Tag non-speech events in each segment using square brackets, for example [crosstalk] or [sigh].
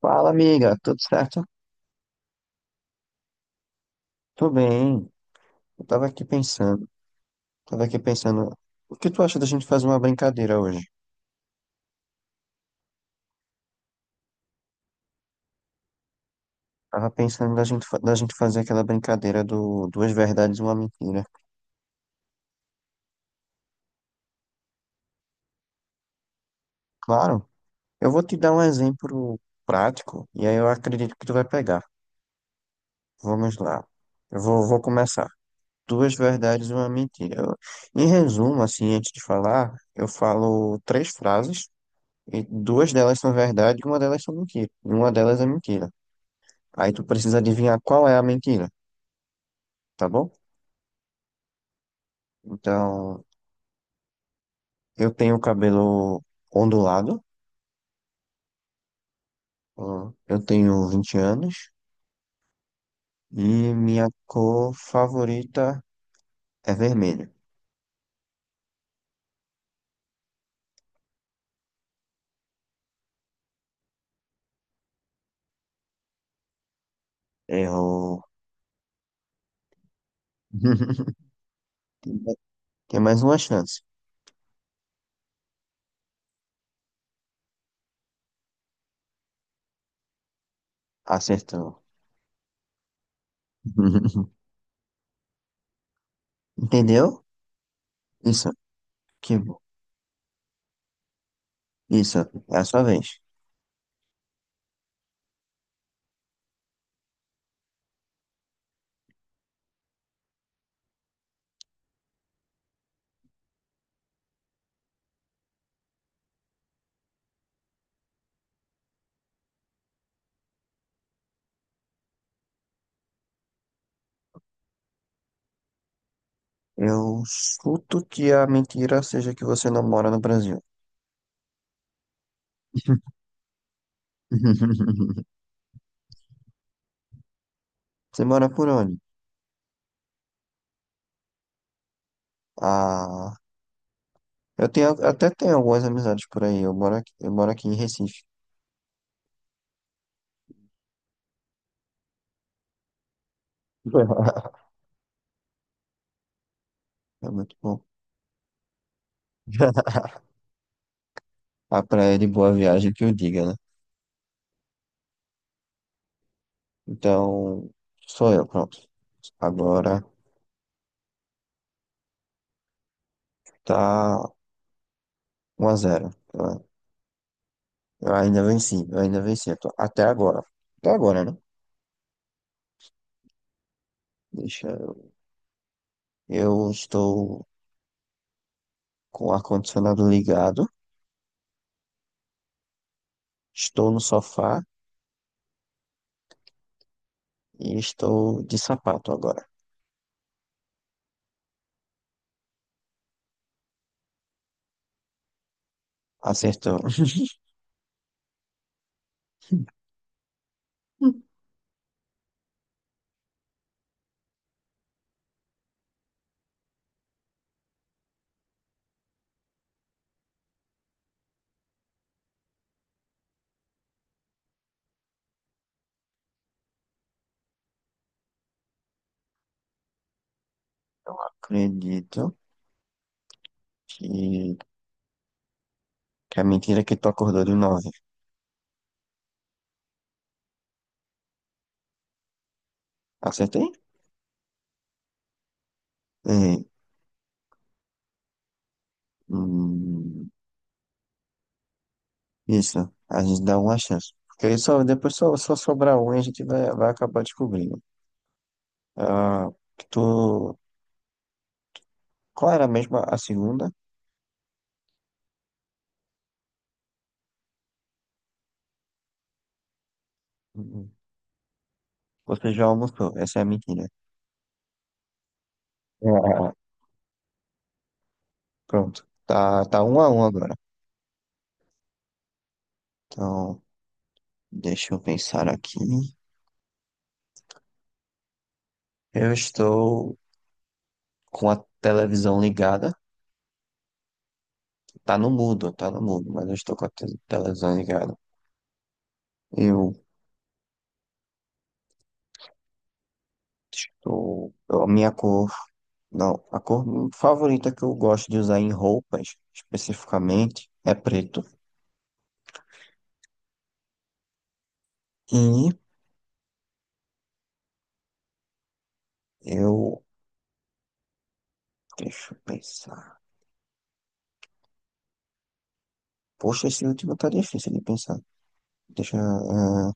Fala, amiga, tudo certo? Tô bem. Eu tava aqui pensando, o que tu acha da gente fazer uma brincadeira hoje? Tava pensando da gente fazer aquela brincadeira do duas verdades e uma mentira. Claro, eu vou te dar um exemplo prático e aí eu acredito que tu vai pegar. Vamos lá. Eu vou começar. Duas verdades e uma mentira. Em resumo, assim, antes de falar, eu falo três frases e duas delas são verdade e uma delas são mentira. E uma delas é mentira. Aí tu precisa adivinhar qual é a mentira, tá bom? Então, eu tenho cabelo ondulado, eu tenho 20 anos e minha cor favorita é vermelho. Errou. [laughs] Tem mais tem mais uma chance. Acertou. [laughs] Entendeu? Isso. Que bom. Isso. É a sua vez. Eu chuto que a mentira seja que você não mora no Brasil. [laughs] Você mora por onde? Ah. Eu tenho, até tenho algumas amizades por aí. Eu moro aqui em Recife. [laughs] É muito bom. [laughs] A praia de Boa Viagem que eu diga, né? Então, sou eu, pronto. Agora tá um a zero. Eu ainda venci, eu ainda venci. Até agora. Até agora, né? Deixa eu. Eu estou com o ar-condicionado ligado, estou no sofá e estou de sapato agora. Acertou. [laughs] Acredito que, que a mentira que tu acordou de 9. Acertei? É, hum, isso, a gente dá uma chance. Porque aí só, depois só sobrar um e a gente vai acabar descobrindo. Ah, tu, qual era mesmo a segunda? Hum, Você já almoçou, essa é a mentira. Ah, pronto, tá, tá um a um agora. Então, deixa eu pensar aqui. Eu estou com a televisão ligada. Tá no mudo, mas eu estou com a televisão ligada. Eu estou, a minha cor, não, a cor favorita que eu gosto de usar em roupas, especificamente, é preto. E eu, deixa eu pensar. Poxa, esse último tá difícil de pensar. Deixa,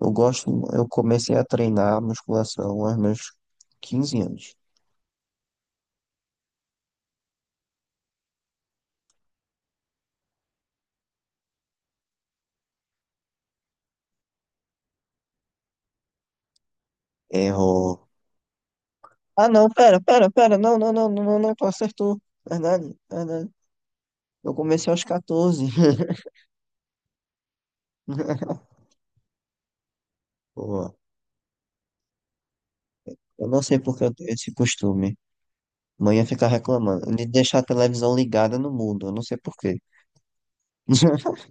eu comecei a treinar musculação aos meus 15 anos. Erro. Ah, não, pera, pera, pera, não, não, não, não, não, não, tu acertou. Verdade, verdade. Eu comecei aos 14. [laughs] Pô, eu não sei porque eu tenho esse costume. Não ia ficar reclamando de deixar a televisão ligada no mundo. Eu não sei por quê. [laughs]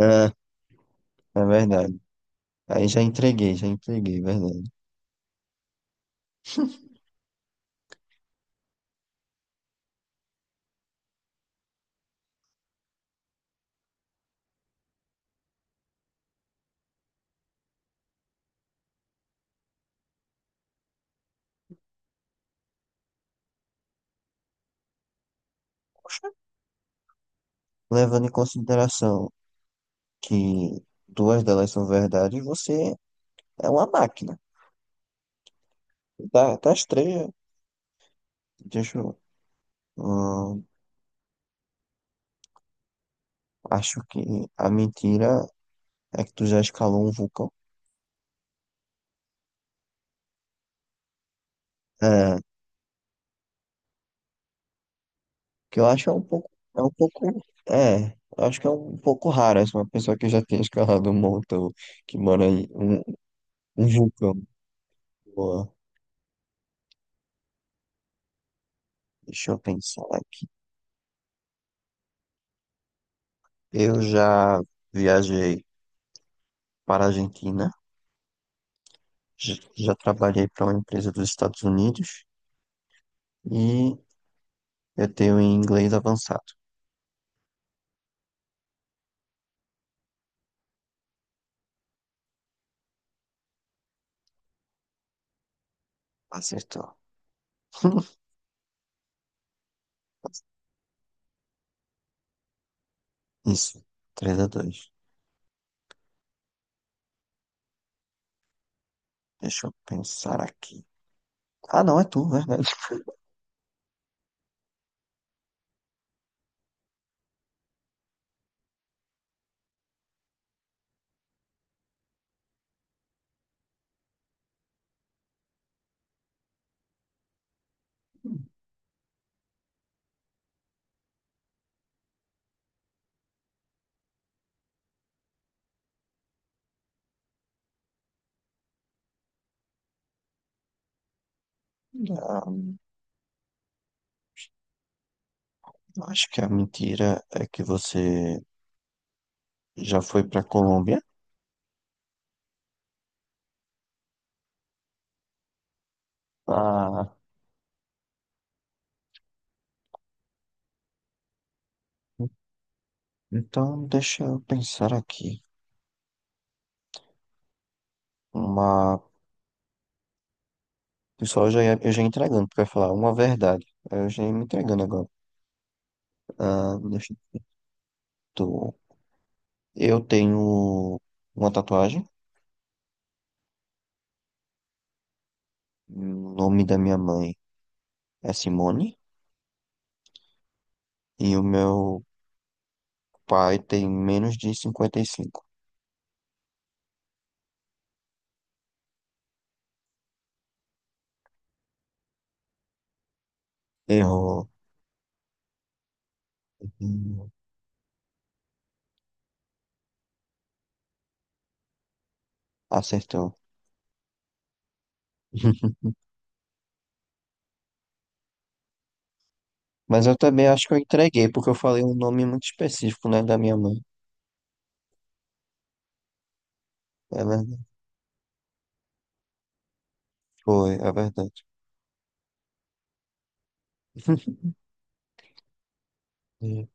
É, é verdade. Aí já entreguei, é verdade. Poxa. Levando em consideração que duas delas são verdade, você é uma máquina. Tá, tá estranho. Deixa eu. hum, Acho que a mentira é que tu já escalou um vulcão. É, que eu acho é um pouco. É um pouco. É, eu acho que é um pouco raro essa uma pessoa que já tenha escalado um montão que mora em um, um vulcão. Boa, deixa eu pensar aqui. Eu já viajei para a Argentina, já trabalhei para uma empresa dos Estados Unidos e eu tenho um inglês avançado. Acertou. [laughs] Isso, 3 a dois. Deixa eu pensar aqui. Ah, não, é tu, verdade. Ah, [laughs] acho que a mentira é que você já foi para Colômbia. Ah, então deixa eu pensar aqui. Uma. Pessoal, eu já ia entregando, pra falar uma verdade. Aí eu já ia me entregando agora. Ah, deixa eu... tô- eu tenho uma tatuagem. O nome da minha mãe é Simone. E o meu pai tem menos de 55. Errou. Hum, Acertou. [laughs] Mas eu também acho que eu entreguei, porque eu falei um nome muito específico, né, da minha mãe. É verdade. Foi, é verdade. [laughs] E,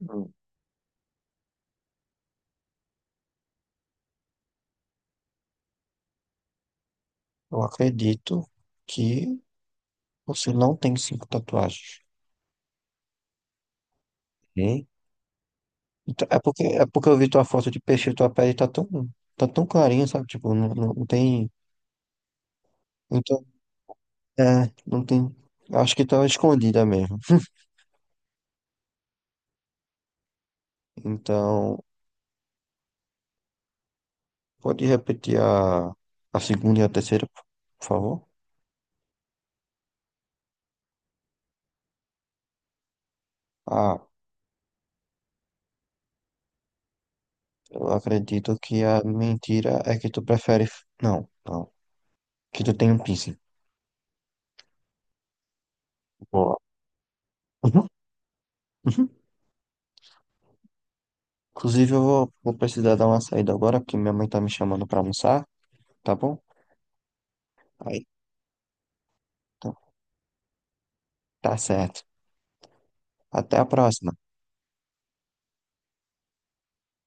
hum, eu acredito que você não tem cinco tatuagens. Ok? Então, é porque, eu vi tua foto de peixe, tua pele tá tão clarinha, sabe? Tipo, não, não, não tem. Então, é, não tem. Acho que tá escondida mesmo. Então, pode repetir a segunda e a terceira, por favor? Ah, eu acredito que a mentira é que tu prefere. Não, não. Que tu tem um piercing. Boa. Uhum, uhum. Inclusive, eu vou precisar dar uma saída agora, porque minha mãe tá me chamando pra almoçar, tá bom? Aí, então, tá certo. Até a próxima.